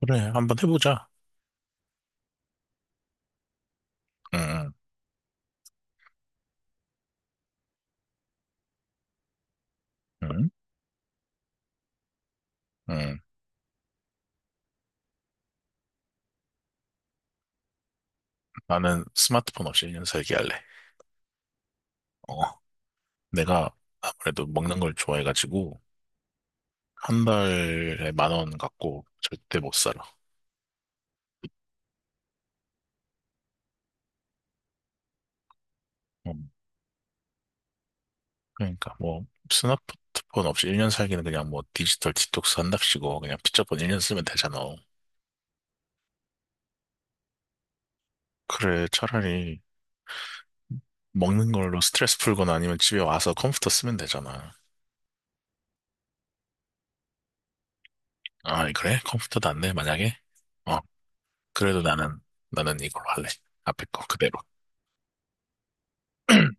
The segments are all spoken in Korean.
그래, 한번 해보자. 응, 응, 응. 응. 나는 스마트폰 없이 1년 살기 할래. 어, 내가 아무래도 먹는 걸 좋아해가지고, 한 달에 만 원 갖고 절대 못 살아. 어, 그러니까 뭐, 스마트폰 없이 1년 살기는 그냥 뭐 디지털 디톡스 한답시고, 그냥 피자본 1년 쓰면 되잖아. 그래, 차라리 먹는 걸로 스트레스 풀거나 아니면 집에 와서 컴퓨터 쓰면 되잖아. 아, 그래? 컴퓨터도 안 돼, 만약에? 어, 그래도 나는 이걸로 할래. 앞에 거 그대로.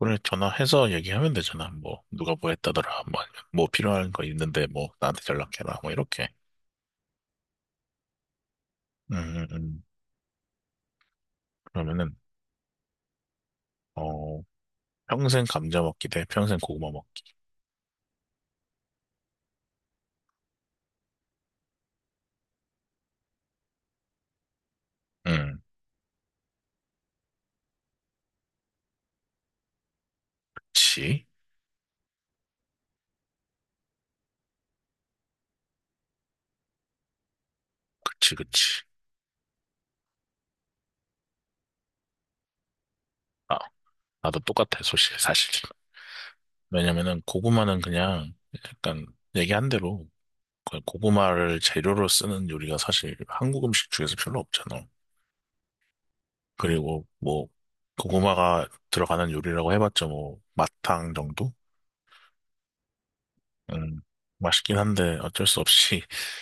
오늘 전화해서 얘기하면 되잖아. 뭐, 누가 뭐 했다더라. 뭐, 아니면 뭐 필요한 거 있는데, 뭐, 나한테 연락해라. 뭐, 이렇게. 음, 음, 음. 그러면은, 어, 평생 감자 먹기 대 평생 고구마 먹기. 음, 그치. 그치, 그치. 아, 나도 똑같아, 소식, 사실. 왜냐면은, 고구마는 그냥, 약간, 얘기한 대로, 그 고구마를 재료로 쓰는 요리가 사실 한국 음식 중에서 별로 없잖아. 그리고, 뭐, 고구마가 들어가는 요리라고 해봤자, 뭐, 마탕 정도? 음, 맛있긴 한데 어쩔 수 없이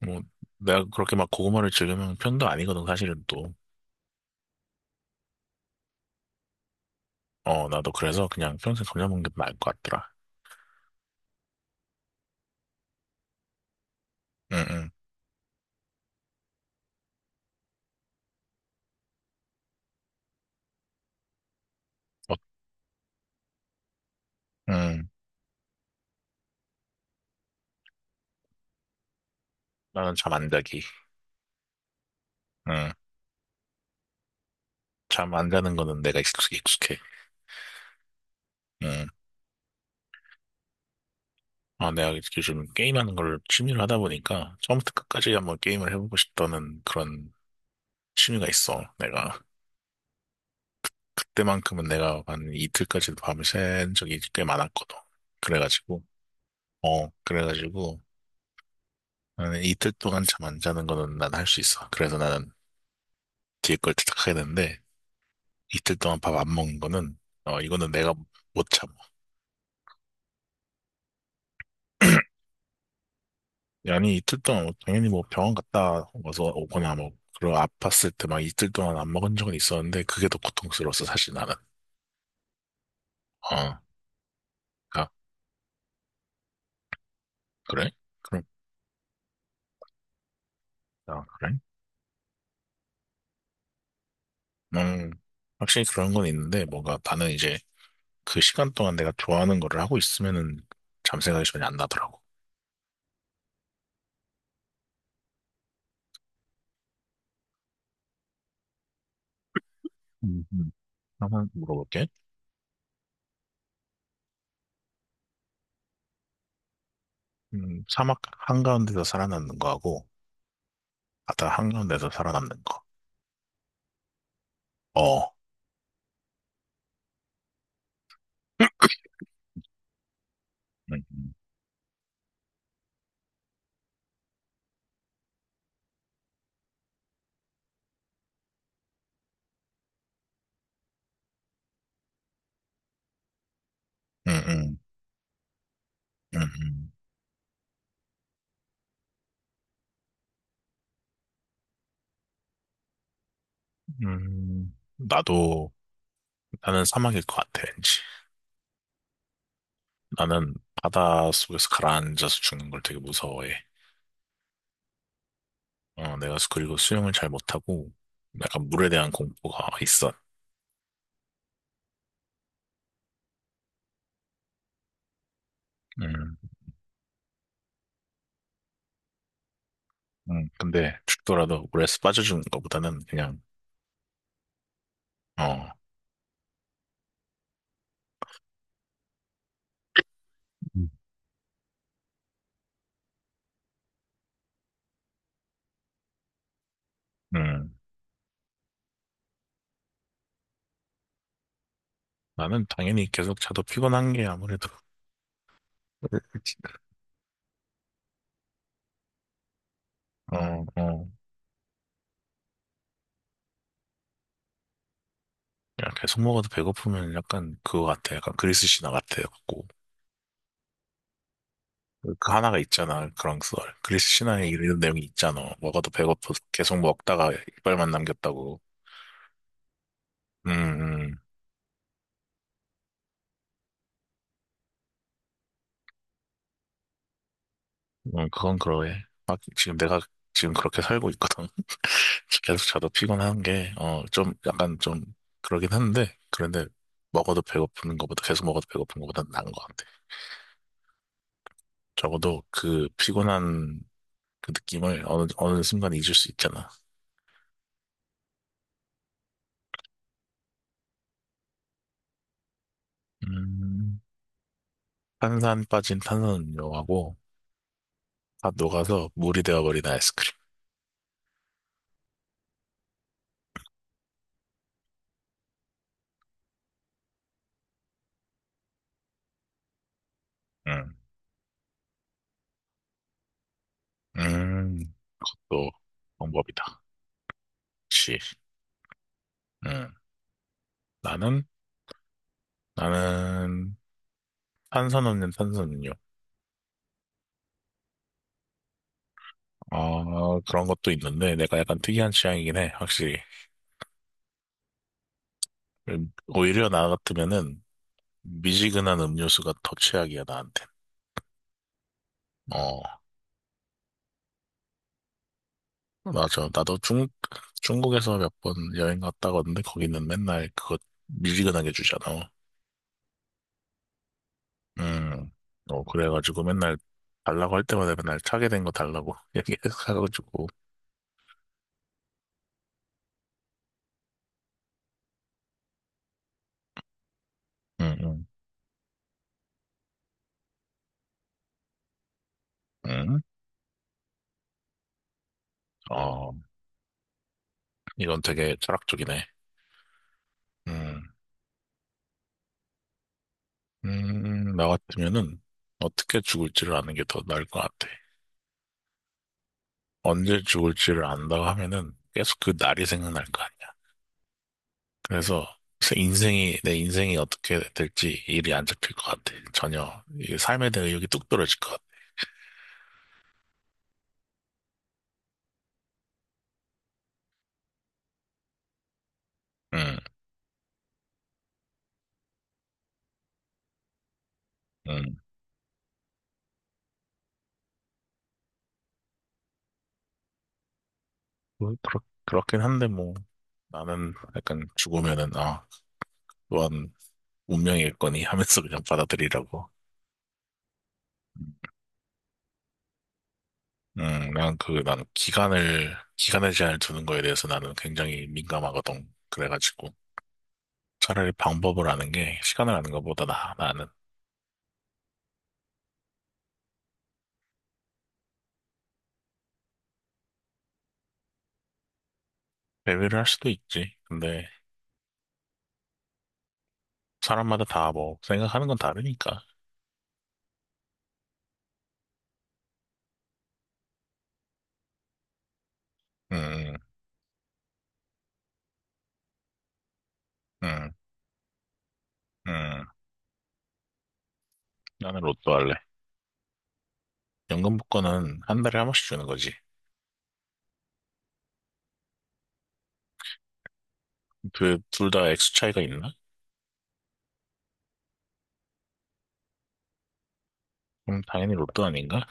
뭐 내가 그렇게 막 고구마를 즐기는 편도 아니거든 사실은 또. 어, 나도 그래서 그냥 평생 감자 먹는 게 나을 것 같더라. 응응. 어, 응. 나는 잠 안 자기. 응. 잠 안 자는 거는 내가 익숙해. 응. 아, 내가 요즘 게임하는 걸 취미로 하다 보니까 처음부터 끝까지 한번 게임을 해보고 싶다는 그런 취미가 있어. 내가 그때만큼은 내가 한 이틀까지 밤을 샌 적이 꽤 많았거든. 그래가지고 그래가지고. 나는 이틀 동안 잠 안 자는 거는 난 할 수 있어. 그래서 나는 뒤에 걸 택하게 되는데, 이틀 동안 밥 안 먹는 거는, 이거는 내가 못 참아. 아니, 이틀 동안 뭐 당연히 뭐 병원 갔다 와서 오거나 뭐 그런 아팠을 때 막 이틀 동안 안 먹은 적은 있었는데, 그게 더 고통스러웠어 사실 나는. 어, 아, 그래? 그럼? 아, 그래? 음 확실히 그런 건 있는데, 뭔가 나는 이제 그 시간 동안 내가 좋아하는 거를 하고 있으면은 잠 생각이 전혀 안 나더라고. 음, 음. 한번 물어볼게. 사막 한가운데서 살아남는 거하고 바다 한가운데서 살아남는 거. 어. 음, 음, 음, 음, 음. 나도 나는 사막일 것 같아, 왠지. 나는 바다 속에서 가라앉아서 죽는 걸 되게 무서워해. 내가 그리고 수영을 잘 못하고 약간 물에 대한 공포가 있어. 음, 근데 죽더라도 물에서 빠져주는 것보다는 그냥 어, 음, 나는 당연히 계속 자도 피곤한 게 아무래도. 어, 어. 야, 계속 먹어도 배고프면 약간 그거 같아. 약간 그리스 신화 같아. 갖고 그 하나가 있잖아, 그런 썰. 그리스 신화에 이런 내용이 있잖아. 먹어도 배고프 계속 먹다가 이빨만 남겼다고. 음, 음, 그건 그러해. 아, 지금 내가 지금 그렇게 살고 있거든. 계속 자도 피곤한 게, 좀, 약간 좀 그러긴 한데, 그런데 먹어도 배고픈 것보다 계속 먹어도 배고픈 것보다 나은 것 같아. 적어도 그 피곤한 그 느낌을 어느 순간 잊을 수 있잖아. 음. 탄산 빠진 탄산음료하고 다 녹아서 물이 되어버린 아이스크림. 음, 음, 또 방법이다. 시 음, 나는 나는 탄산 없는 탄산음료. 아, 그런 것도 있는데 내가 약간 특이한 취향이긴 해. 확실히. 오히려 나 같으면은 미지근한 음료수가 더 최악이야 나한테. 어, 맞아. 나도 중 중국에서 몇 번 여행 갔다 왔는데 거기는 맨날 그거 미지근하게 주잖아. 음, 그래가지고 맨날 달라고 할 때마다 맨날 차게 된 거 달라고 얘기해가지고. 음, 음, 음. 어, 이건 되게 철학적이네. 음, 나 같으면은 어떻게 죽을지를 아는 게 더 나을 것 같아. 언제 죽을지를 안다고 하면은 계속 그 날이 생각날 거 아니야. 그래서 내 인생이 어떻게 될지, 일이 안 잡힐 것 같아. 전혀. 이 삶에 대한 의욕이 뚝 떨어질 것 같아. 음, 음. 뭐, 그렇긴 한데, 뭐 나는 약간 죽으면은 또한 운명이겠거니 하면서 그냥 받아들이라고. 음, 난 기간의 제한을 두는 거에 대해서 나는 굉장히 민감하거든. 그래가지고 차라리 방법을 아는 게 시간을 아는 것보다 나는 배회를 할 수도 있지. 근데 사람마다 다 뭐 생각하는 건 다르니까. 음, 음, 음. 나는 로또 할래. 연금 복권은 한 달에 한 번씩 주는 거지. 둘 다 액수 차이가 있나? 그럼 당연히 로또 아닌가?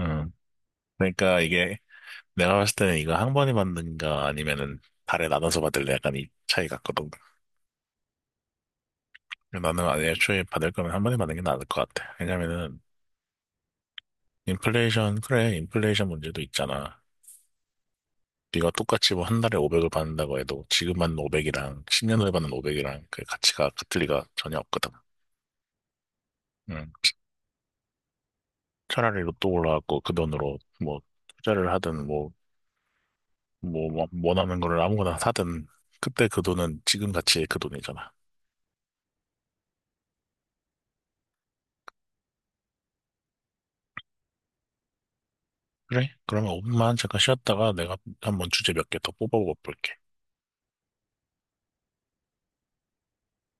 음. 그러니까 이게, 내가 봤을 때는 이거 한 번에 받는가 아니면은 달에 나눠서 받을래, 약간 이 차이 같거든. 근데 나는 아예 애초에 받을 거면 한 번에 받는 게 나을 것 같아. 왜냐면은 인플레이션, 그래, 인플레이션 문제도 있잖아. 네가 똑같이 뭐 한 달에 500을 받는다고 해도 지금 받는 500이랑 10년 후에 받는 500이랑 그 가치가 같을 리가 전혀 없거든. 음. 차라리 로또 올라갖고 그 돈으로 뭐 투자를 하든, 뭐 뭐 원하는 거를 아무거나 사든, 그때 그 돈은 지금 가치의 그 돈이잖아. 그래? 그러면 5분만 잠깐 쉬었다가 내가 한번 주제 몇 개 더 뽑아볼게.